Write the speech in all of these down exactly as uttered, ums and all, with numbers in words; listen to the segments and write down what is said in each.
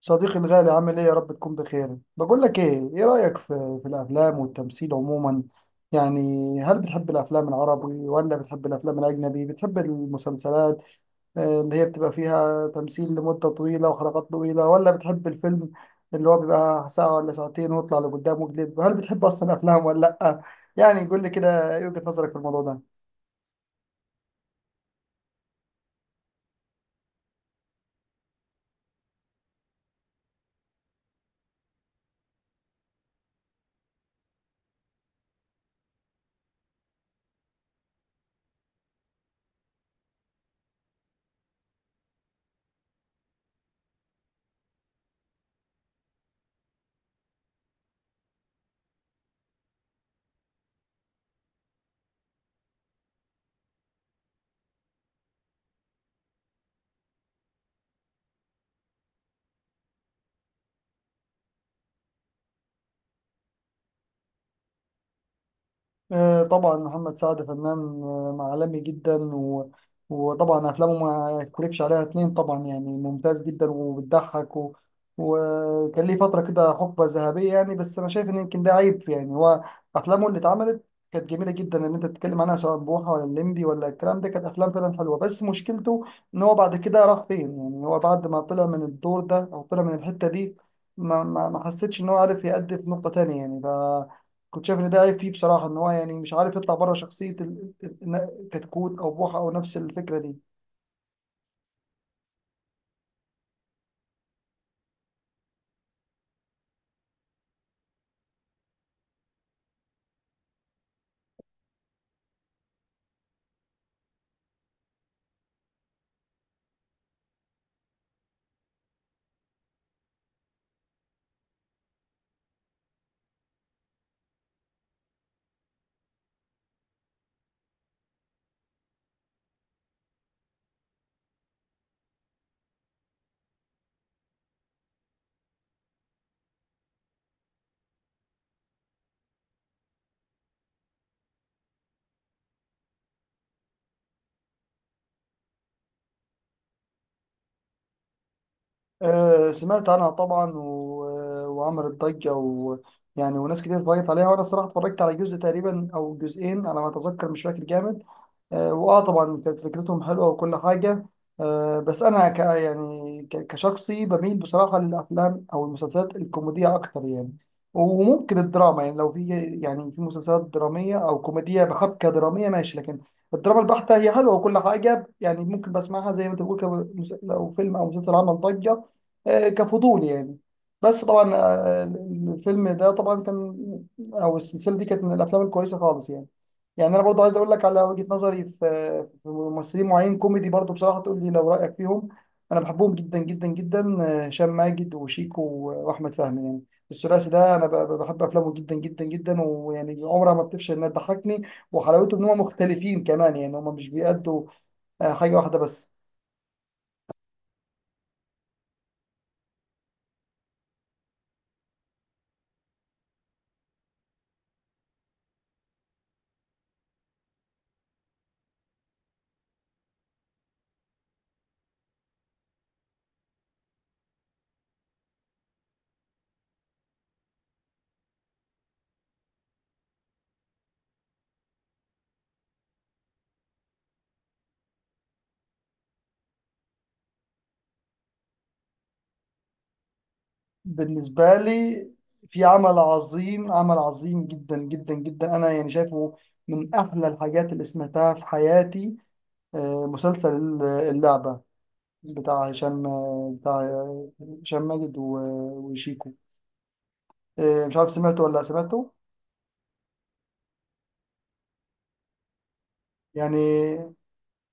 صديقي الغالي، عامل ايه؟ يا رب تكون بخير. بقول لك ايه ايه رأيك في في الافلام والتمثيل عموما؟ يعني هل بتحب الافلام العربي ولا بتحب الافلام الاجنبي؟ بتحب المسلسلات آه، اللي هي بتبقى فيها تمثيل لمدة طويلة وحلقات طويلة، ولا بتحب الفيلم اللي هو بيبقى ساعة ولا ساعتين ويطلع لقدام مقلب؟ هل بتحب اصلا افلام ولا لا؟ يعني قول لي كده، ايه وجهة نظرك في الموضوع ده؟ آه، طبعا محمد سعد فنان آه، عالمي جدا، و... وطبعا افلامه ما يختلفش عليها اتنين، طبعا يعني ممتاز جدا وبتضحك، و... وكان ليه فتره كده، حقبه ذهبيه يعني. بس انا شايف ان يمكن ده عيب يعني، هو افلامه اللي اتعملت كانت جميله جدا، ان انت تتكلم عنها سواء بوحه ولا الليمبي ولا الكلام ده، كانت افلام فعلا حلوه. بس مشكلته ان هو بعد كده راح فين يعني؟ هو بعد ما طلع من الدور ده او طلع من الحته دي، ما ما ما حسيتش ان هو عارف يأدي في نقطه تانيه يعني. ف كنت شايف ان ده عيب فيه بصراحه، ان هو يعني مش عارف يطلع بره شخصيه ال- ال- ال- كتكوت او بوحه او نفس الفكره دي. آه، سمعت عنها طبعا، و... آه، وعملت ضجة و... يعني، وناس كتير اتفرجت عليها. وانا الصراحة اتفرجت على جزء تقريبا او جزئين على ما اتذكر، مش فاكر جامد. آه، واه طبعا كانت فكرتهم حلوة وكل حاجة. آه، بس انا ك... يعني ك... كشخصي بميل بصراحة للافلام او المسلسلات الكوميدية اكتر يعني. وممكن الدراما يعني، لو في، يعني في مسلسلات درامية او كوميدية بحبكة درامية ماشي، لكن الدراما البحتة هي حلوة وكل حاجة يعني. ممكن بسمعها زي ما انت بتقول، كمس- لو فيلم او مسلسل عمل ضجة، آه، كفضول يعني. بس طبعا، آه، الفيلم ده طبعا كان، او السلسله دي كانت من الافلام الكويسه خالص يعني. يعني انا برضو عايز اقول لك على وجهه نظري في، في ممثلين معين كوميدي برضو بصراحه، تقول لي لو رايك فيهم. انا بحبهم جدا جدا جدا، آه، هشام ماجد وشيكو واحمد فهمي يعني. الثلاثي ده انا ب- ب- بحب افلامه جدا جدا جدا، ويعني عمرها ما بتفشل انها تضحكني. وحلاوته ان هم مختلفين كمان، يعني هم مش بيأدوا آه، حاجه واحده بس. بالنسبة لي، في عمل عظيم، عمل عظيم جدا جدا جدا، أنا يعني شايفه من أحلى الحاجات اللي سمعتها في حياتي: آه، مسلسل اللعبة، بتاع هشام آه، بتاع آه، هشام ماجد و- وشيكو. آه، مش عارف سمعته ولا لأ، سمعته؟ يعني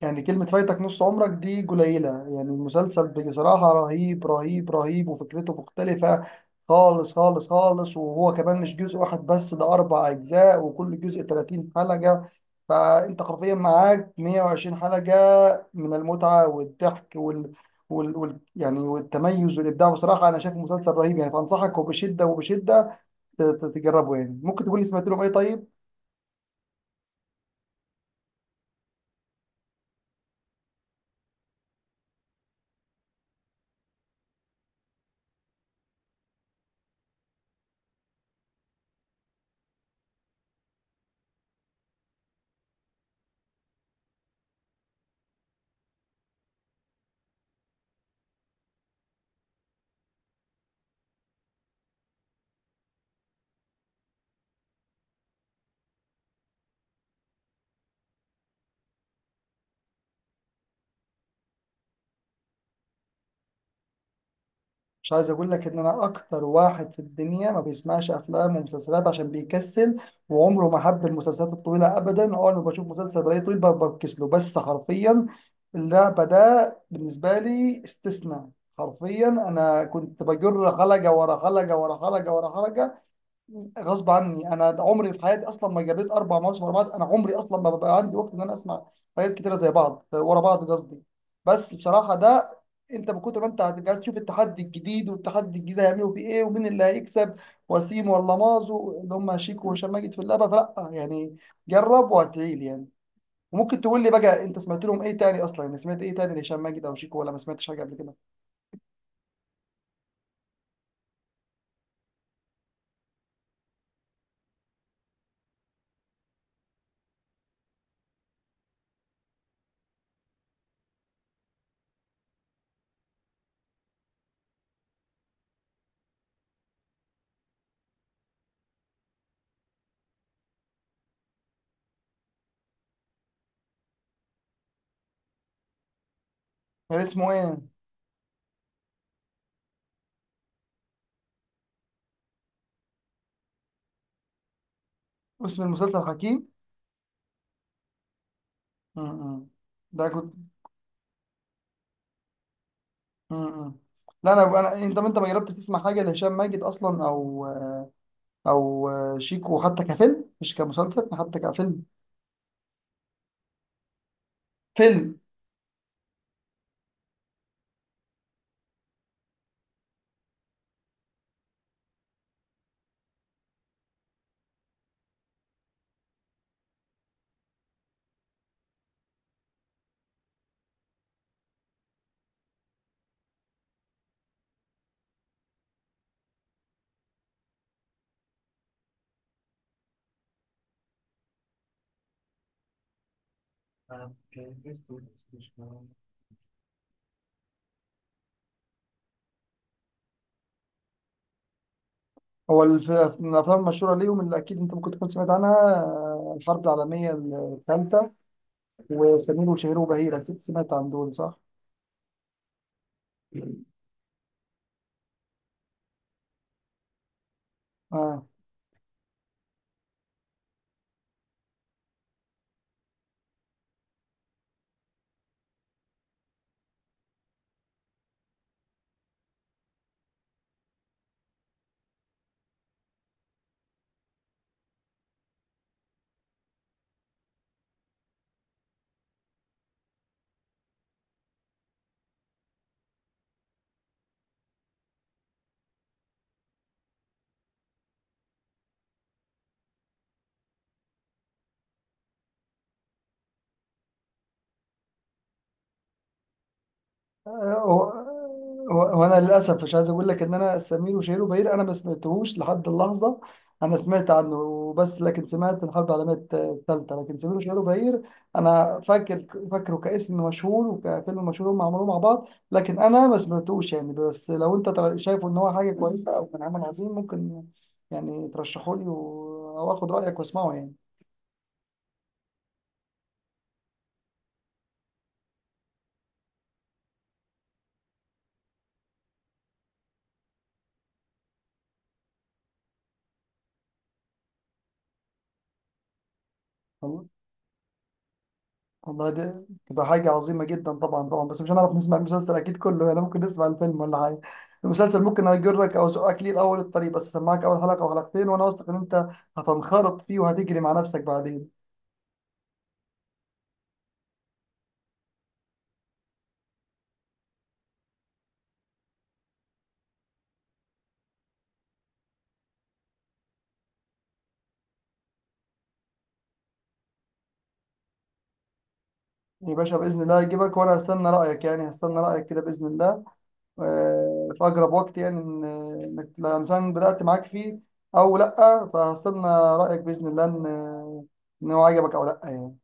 يعني كلمة فايتك نص عمرك دي قليلة يعني. المسلسل بصراحة رهيب رهيب رهيب، وفكرته مختلفة خالص خالص خالص، وهو كمان مش جزء واحد بس، ده أربع أجزاء وكل جزء ثلاثين حلقة. فأنت حرفيا معاك مية وعشرين حلقة من المتعة والضحك وال... وال... وال... يعني، والتميز والإبداع. بصراحة أنا شايف مسلسل رهيب يعني، فأنصحك وبشدة وبشدة ت- ت- تجربه يعني. ممكن تقول لي سمعت لهم إيه طيب؟ مش عايز اقول لك ان انا اكتر واحد في الدنيا ما بيسمعش افلام ومسلسلات عشان بيكسل، وعمره ما حب المسلسلات الطويله ابدا. اه انا بشوف مسلسل بلاقيه طويل ب- بفكس له. بس حرفيا اللعبه ده بالنسبه لي استثناء. حرفيا انا كنت بجر حلقه ورا حلقه ورا حلقه ورا حلقه غصب عني. انا عمري في حياتي اصلا ما جريت اربع مواسم ورا بعض، انا عمري اصلا ما ببقى عندي وقت ان انا اسمع حاجات كتيره زي بعض ورا بعض قصدي. بس بصراحه، ده انت من كتر ما انت هتبقى عايز تشوف التحدي الجديد، والتحدي الجديد هيعملوا فيه ايه، ومين اللي هيكسب، وسيم ولا مازو، اللي هم شيكو وهشام ماجد في اللعبه. فلا يعني، جرب وهتعيل يعني. وممكن تقول لي بقى، انت سمعت لهم ايه تاني اصلا؟ يعني سمعت ايه تاني لهشام ماجد او شيكو، ولا ما سمعتش حاجه قبل كده؟ كان اسمه ايه؟ اسم المسلسل حكيم. م- م. ده كنت، امم لا، انا انا انت انت ما جربت تسمع حاجه لهشام ماجد اصلا، او او شيكو، حتى كفيلم مش كمسلسل، حتى كفيلم، فيلم؟ هو الف- من الافلام المشهوره ليهم، اللي اكيد انت ممكن تكون سمعت عنها، آه، الحرب العالميه الثالثه، وسمير وشهير وبهير. اكيد سمعت عن دول، صح؟ آه. و- و- وانا للاسف مش عايز اقول لك ان انا سمير وشهير وبهير انا ما سمعتهوش لحد اللحظه. انا سمعت عنه وبس، لكن سمعت الحرب العالميه الثالثه. لكن سمير وشهير وبهير انا فاكر، فاكره كاسم مشهور وكفيلم مشهور هم عملوه مع بعض، لكن انا ما سمعتوش يعني. بس لو انت تر- شايف ان هو حاجه كويسه او كان عمل عظيم، ممكن يعني ترشحه لي، و... او اخد رايك واسمعه يعني. والله دي تبقى حاجة عظيمة جدا، طبعا طبعا، بس مش هنعرف نسمع المسلسل أكيد كله يعني، ممكن نسمع الفيلم ولا حاجة. المسلسل ممكن أجرك أو أزقك ليه الأول الطريق، بس أسمعك أول حلقة أو حلقتين وأنا واثق إن أنت هتنخرط فيه وهتجري مع نفسك بعدين. يا باشا، بإذن الله أجيبك وأنا هستنى رأيك يعني، هستنى رأيك كده بإذن الله. آه، في أقرب وقت يعني، إن- إنك لو مثلا بدأت معاك فيه أو لأ، فهستنى رأيك بإذن الله، إن إن هو عجبك أو لأ يعني.